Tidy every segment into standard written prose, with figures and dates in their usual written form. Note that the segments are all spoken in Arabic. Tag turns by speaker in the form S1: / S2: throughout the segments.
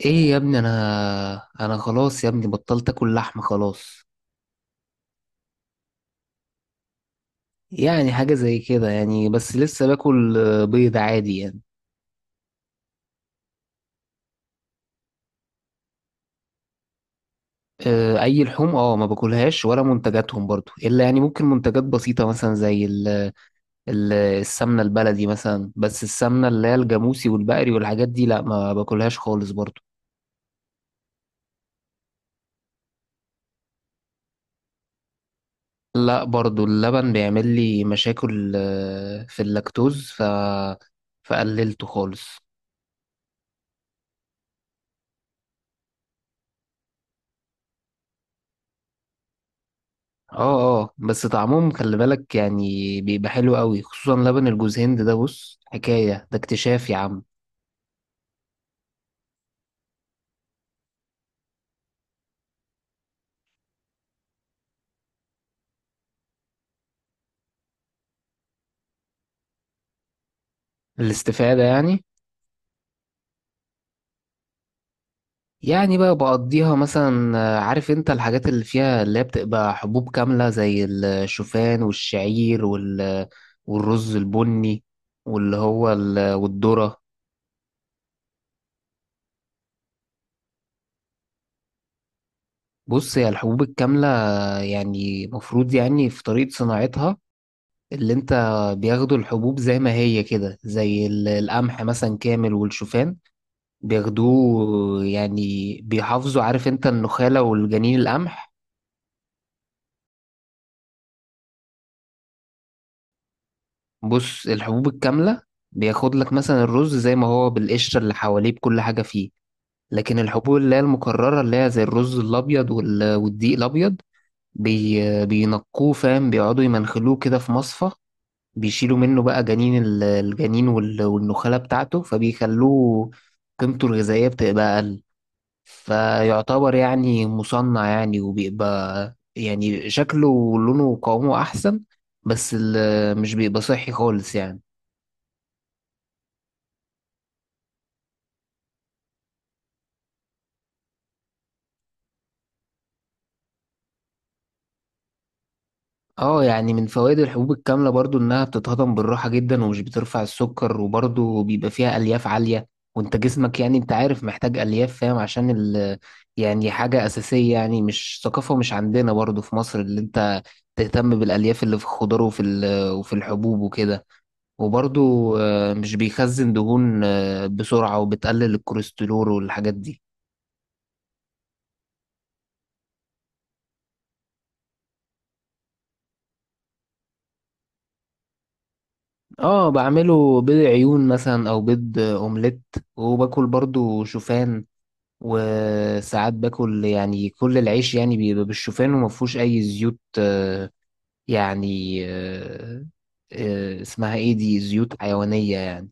S1: ايه يا ابني. انا خلاص يا ابني، بطلت اكل لحمه خلاص. يعني حاجه زي كده يعني، بس لسه باكل بيض عادي يعني. اي لحوم اه ما باكلهاش، ولا منتجاتهم برضو، الا يعني ممكن منتجات بسيطه مثلا زي ال السمنه البلدي مثلا. بس السمنه اللي هي الجاموسي والبقري والحاجات دي لا، ما باكلهاش خالص برضو. لا برضو اللبن بيعمل لي مشاكل، في اللاكتوز، فقللته خالص. اه اه، بس طعمهم خلي بالك يعني، بيبقى حلو قوي خصوصا لبن الجوز هند ده. بص حكاية ده، اكتشاف يا عم. الاستفادة يعني. يعني بقى بقضيها مثلا عارف انت الحاجات اللي فيها اللي هي بتبقى حبوب كاملة، زي الشوفان والشعير والرز البني والذرة. بص هي الحبوب الكاملة يعني مفروض يعني في طريقة صناعتها، اللي انت بياخدوا الحبوب زي ما هي كده، زي القمح مثلا كامل والشوفان، بياخدوه يعني بيحافظوا عارف انت النخالة والجنين القمح. بص الحبوب الكاملة بياخد لك مثلا الرز زي ما هو بالقشرة اللي حواليه بكل حاجة فيه، لكن الحبوب اللي هي المكررة اللي هي زي الرز الأبيض والدقيق الأبيض بينقوه فاهم، بيقعدوا يمنخلوه كده في مصفى، بيشيلوا منه بقى جنين الجنين والنخالة بتاعته، فبيخلوه قيمته الغذائية بتبقى أقل. فيعتبر يعني مصنع يعني، وبيبقى يعني شكله ولونه وقوامه أحسن، بس مش بيبقى صحي خالص يعني. اه يعني من فوائد الحبوب الكاملة برضو إنها بتتهضم بالراحة جدا، ومش بترفع السكر، وبرضو بيبقى فيها ألياف عالية. وانت جسمك يعني انت عارف محتاج ألياف، فاهم، عشان يعني حاجة أساسية يعني. مش ثقافة، مش عندنا برضو في مصر، اللي انت تهتم بالألياف اللي في الخضار وفي وفي الحبوب وكده. وبرضو مش بيخزن دهون بسرعة، وبتقلل الكوليسترول والحاجات دي. اه، بعمله بيض عيون مثلا او بيض اومليت، وباكل برضو شوفان. وساعات باكل يعني كل العيش يعني بيبقى بالشوفان ومفهوش اي زيوت يعني آه، اسمها ايه دي، زيوت حيوانية يعني.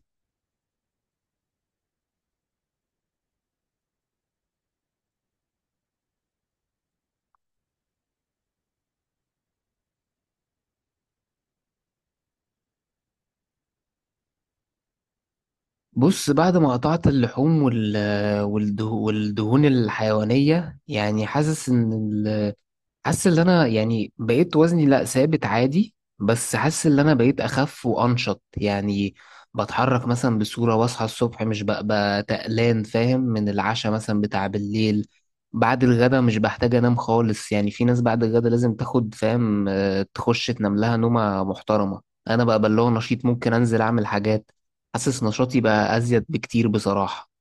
S1: بص بعد ما قطعت اللحوم والدهون الحيوانية، يعني حاسس ان انا يعني بقيت وزني لا، ثابت عادي، بس حاسس ان انا بقيت اخف وانشط يعني. بتحرك مثلا بصورة، واصحى الصبح مش ببقى تقلان، فاهم، من العشاء مثلا بتاع بالليل. بعد الغدا مش بحتاج انام خالص يعني. في ناس بعد الغدا لازم تاخد فاهم تخش تنام لها نومة محترمة. انا بقى بلغ نشيط، ممكن انزل اعمل حاجات، حاسس نشاطي بقى ازيد بكتير بصراحة.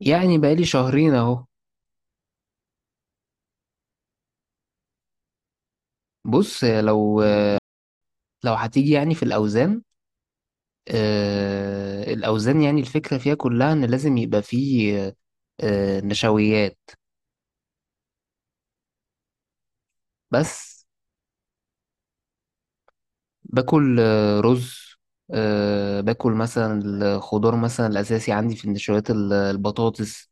S1: يعني بقالي شهرين اهو. بص لو لو هتيجي يعني في الاوزان، الأوزان يعني الفكرة فيها كلها إن لازم يبقى فيه نشويات بس. باكل رز، باكل مثلا الخضار. مثلا الأساسي عندي في النشويات البطاطس.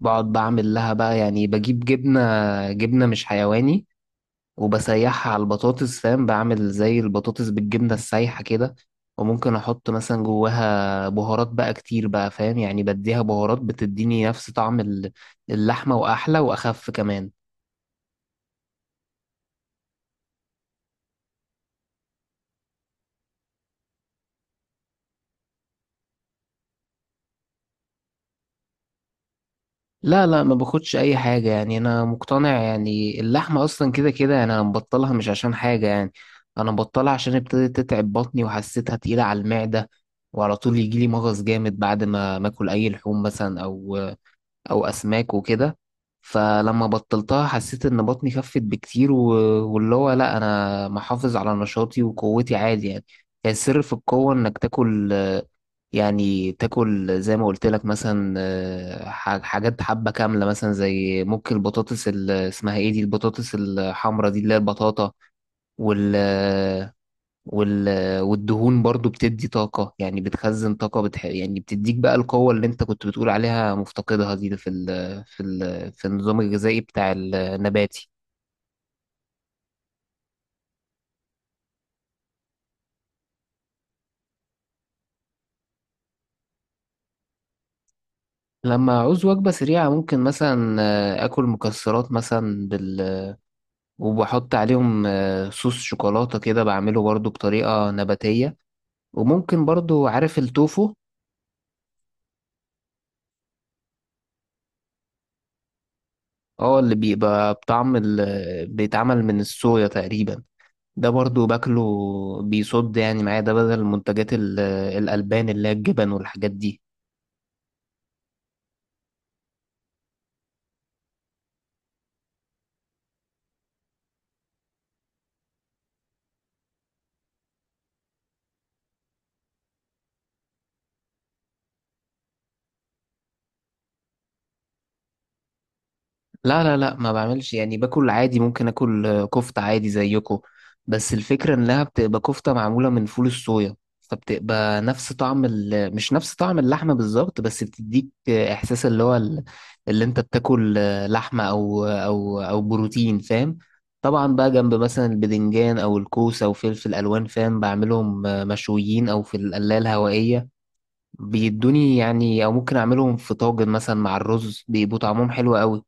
S1: بقعد بعمل لها بقى يعني، بجيب جبنة، جبنة مش حيواني، وبسيحها على البطاطس، فاهم، بعمل زي البطاطس بالجبنة السايحة كده. وممكن أحط مثلا جواها بهارات بقى كتير بقى فاهم، يعني بديها بهارات بتديني نفس طعم اللحمة وأحلى وأخف كمان. لا ما باخدش أي حاجة يعني. أنا مقتنع يعني اللحمة أصلا كده كده يعني. أنا مبطلها مش عشان حاجة يعني، أنا مبطلها عشان ابتدت تتعب بطني، وحسيتها تقيلة على المعدة، وعلى طول يجيلي مغص جامد بعد ما ماكل أي لحوم مثلا، أو اسماك وكده. فلما بطلتها حسيت ان بطني خفت بكتير، واللي هو لا، انا محافظ على نشاطي وقوتي عادي يعني. هي السر في القوة انك تاكل يعني تاكل زي ما قلت لك مثلا، حاجات حبة كاملة مثلا، زي ممكن البطاطس اسمها ايه دي، البطاطس الحمرا دي اللي هي البطاطا وال وال... والدهون برضو بتدي طاقة، يعني بتخزن طاقة، يعني بتديك بقى القوة اللي انت كنت بتقول عليها مفتقدها دي في في النظام الغذائي بتاع النباتي. لما أعوز وجبة سريعة ممكن مثلا آكل مكسرات مثلا وبحط عليهم صوص شوكولاتة كده، بعمله برضو بطريقة نباتية. وممكن برضو عارف التوفو؟ اه، اللي بيبقى بطعم بيتعمل من الصويا تقريبا، ده برضو باكله. بيصد يعني معايا ده بدل منتجات الألبان اللي هي الجبن والحاجات دي. لا ما بعملش يعني، باكل عادي. ممكن اكل كفتة عادي زيكو، بس الفكرة انها بتبقى كفتة معمولة من فول الصويا. فبتبقى نفس طعم مش نفس طعم اللحمة بالظبط، بس بتديك احساس اللي هو اللي انت بتاكل لحمة او او او بروتين، فاهم. طبعا بقى جنب مثلا البدنجان او الكوسة او فلفل الوان فاهم، بعملهم مشويين او في القلاية الهوائية، بيدوني يعني، او ممكن اعملهم في طاجن مثلا مع الرز، بيبقوا طعمهم حلو قوي.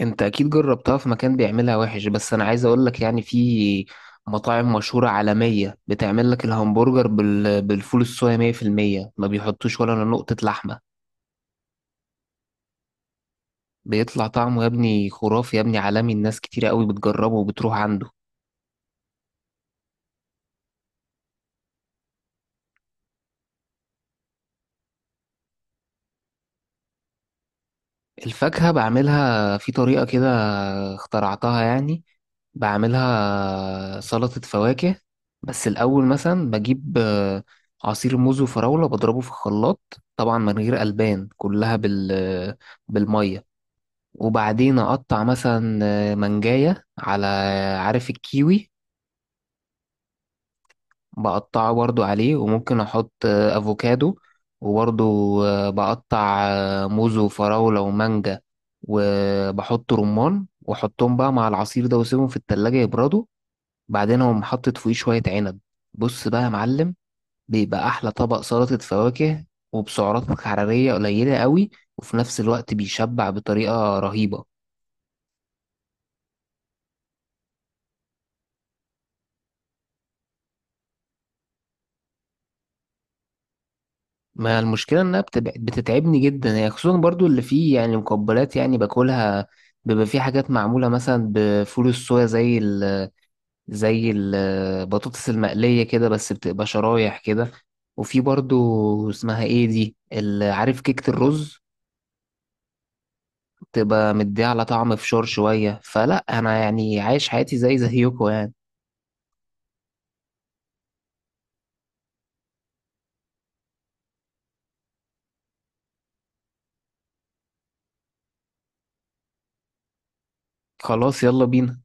S1: انت اكيد جربتها في مكان بيعملها وحش، بس انا عايز اقول لك يعني في مطاعم مشهورة عالمية بتعمل لك الهمبرجر بالفول الصويا 100%، ما بيحطوش ولا نقطة لحمة. بيطلع طعمه يا ابني خرافي يا ابني، عالمي. الناس كتير قوي بتجربه وبتروح عنده. الفاكهة بعملها في طريقة كده، اخترعتها يعني. بعملها سلطة فواكه. بس الأول مثلا بجيب عصير موز وفراولة، بضربه في الخلاط، طبعا من غير ألبان، كلها بالمية. وبعدين أقطع مثلا منجاية على، عارف الكيوي؟ بقطعه برضو عليه، وممكن احط افوكادو، وبرضو بقطع موز وفراولة ومانجا، وبحط رمان، واحطهم بقى مع العصير ده واسيبهم في التلاجة يبردوا. بعدين اقوم حاطط فوقيه شوية عنب. بص بقى يا معلم، بيبقى احلى طبق سلطة فواكه، وبسعرات حرارية قليلة قوي، وفي نفس الوقت بيشبع بطريقة رهيبة. ما المشكلة إنها بتتعبني جدا هي، خصوصا برضو اللي فيه يعني مقبلات يعني باكلها. بيبقى فيه حاجات معمولة مثلا بفول الصويا، زي زي البطاطس المقلية كده، بس بتبقى شرايح كده. وفي برضو اسمها ايه دي عارف كيكة الرز؟ بتبقى مديه على طعم فشار شوية. فلا أنا يعني عايش حياتي زي زيكم يعني. خلاص، يلا بينا.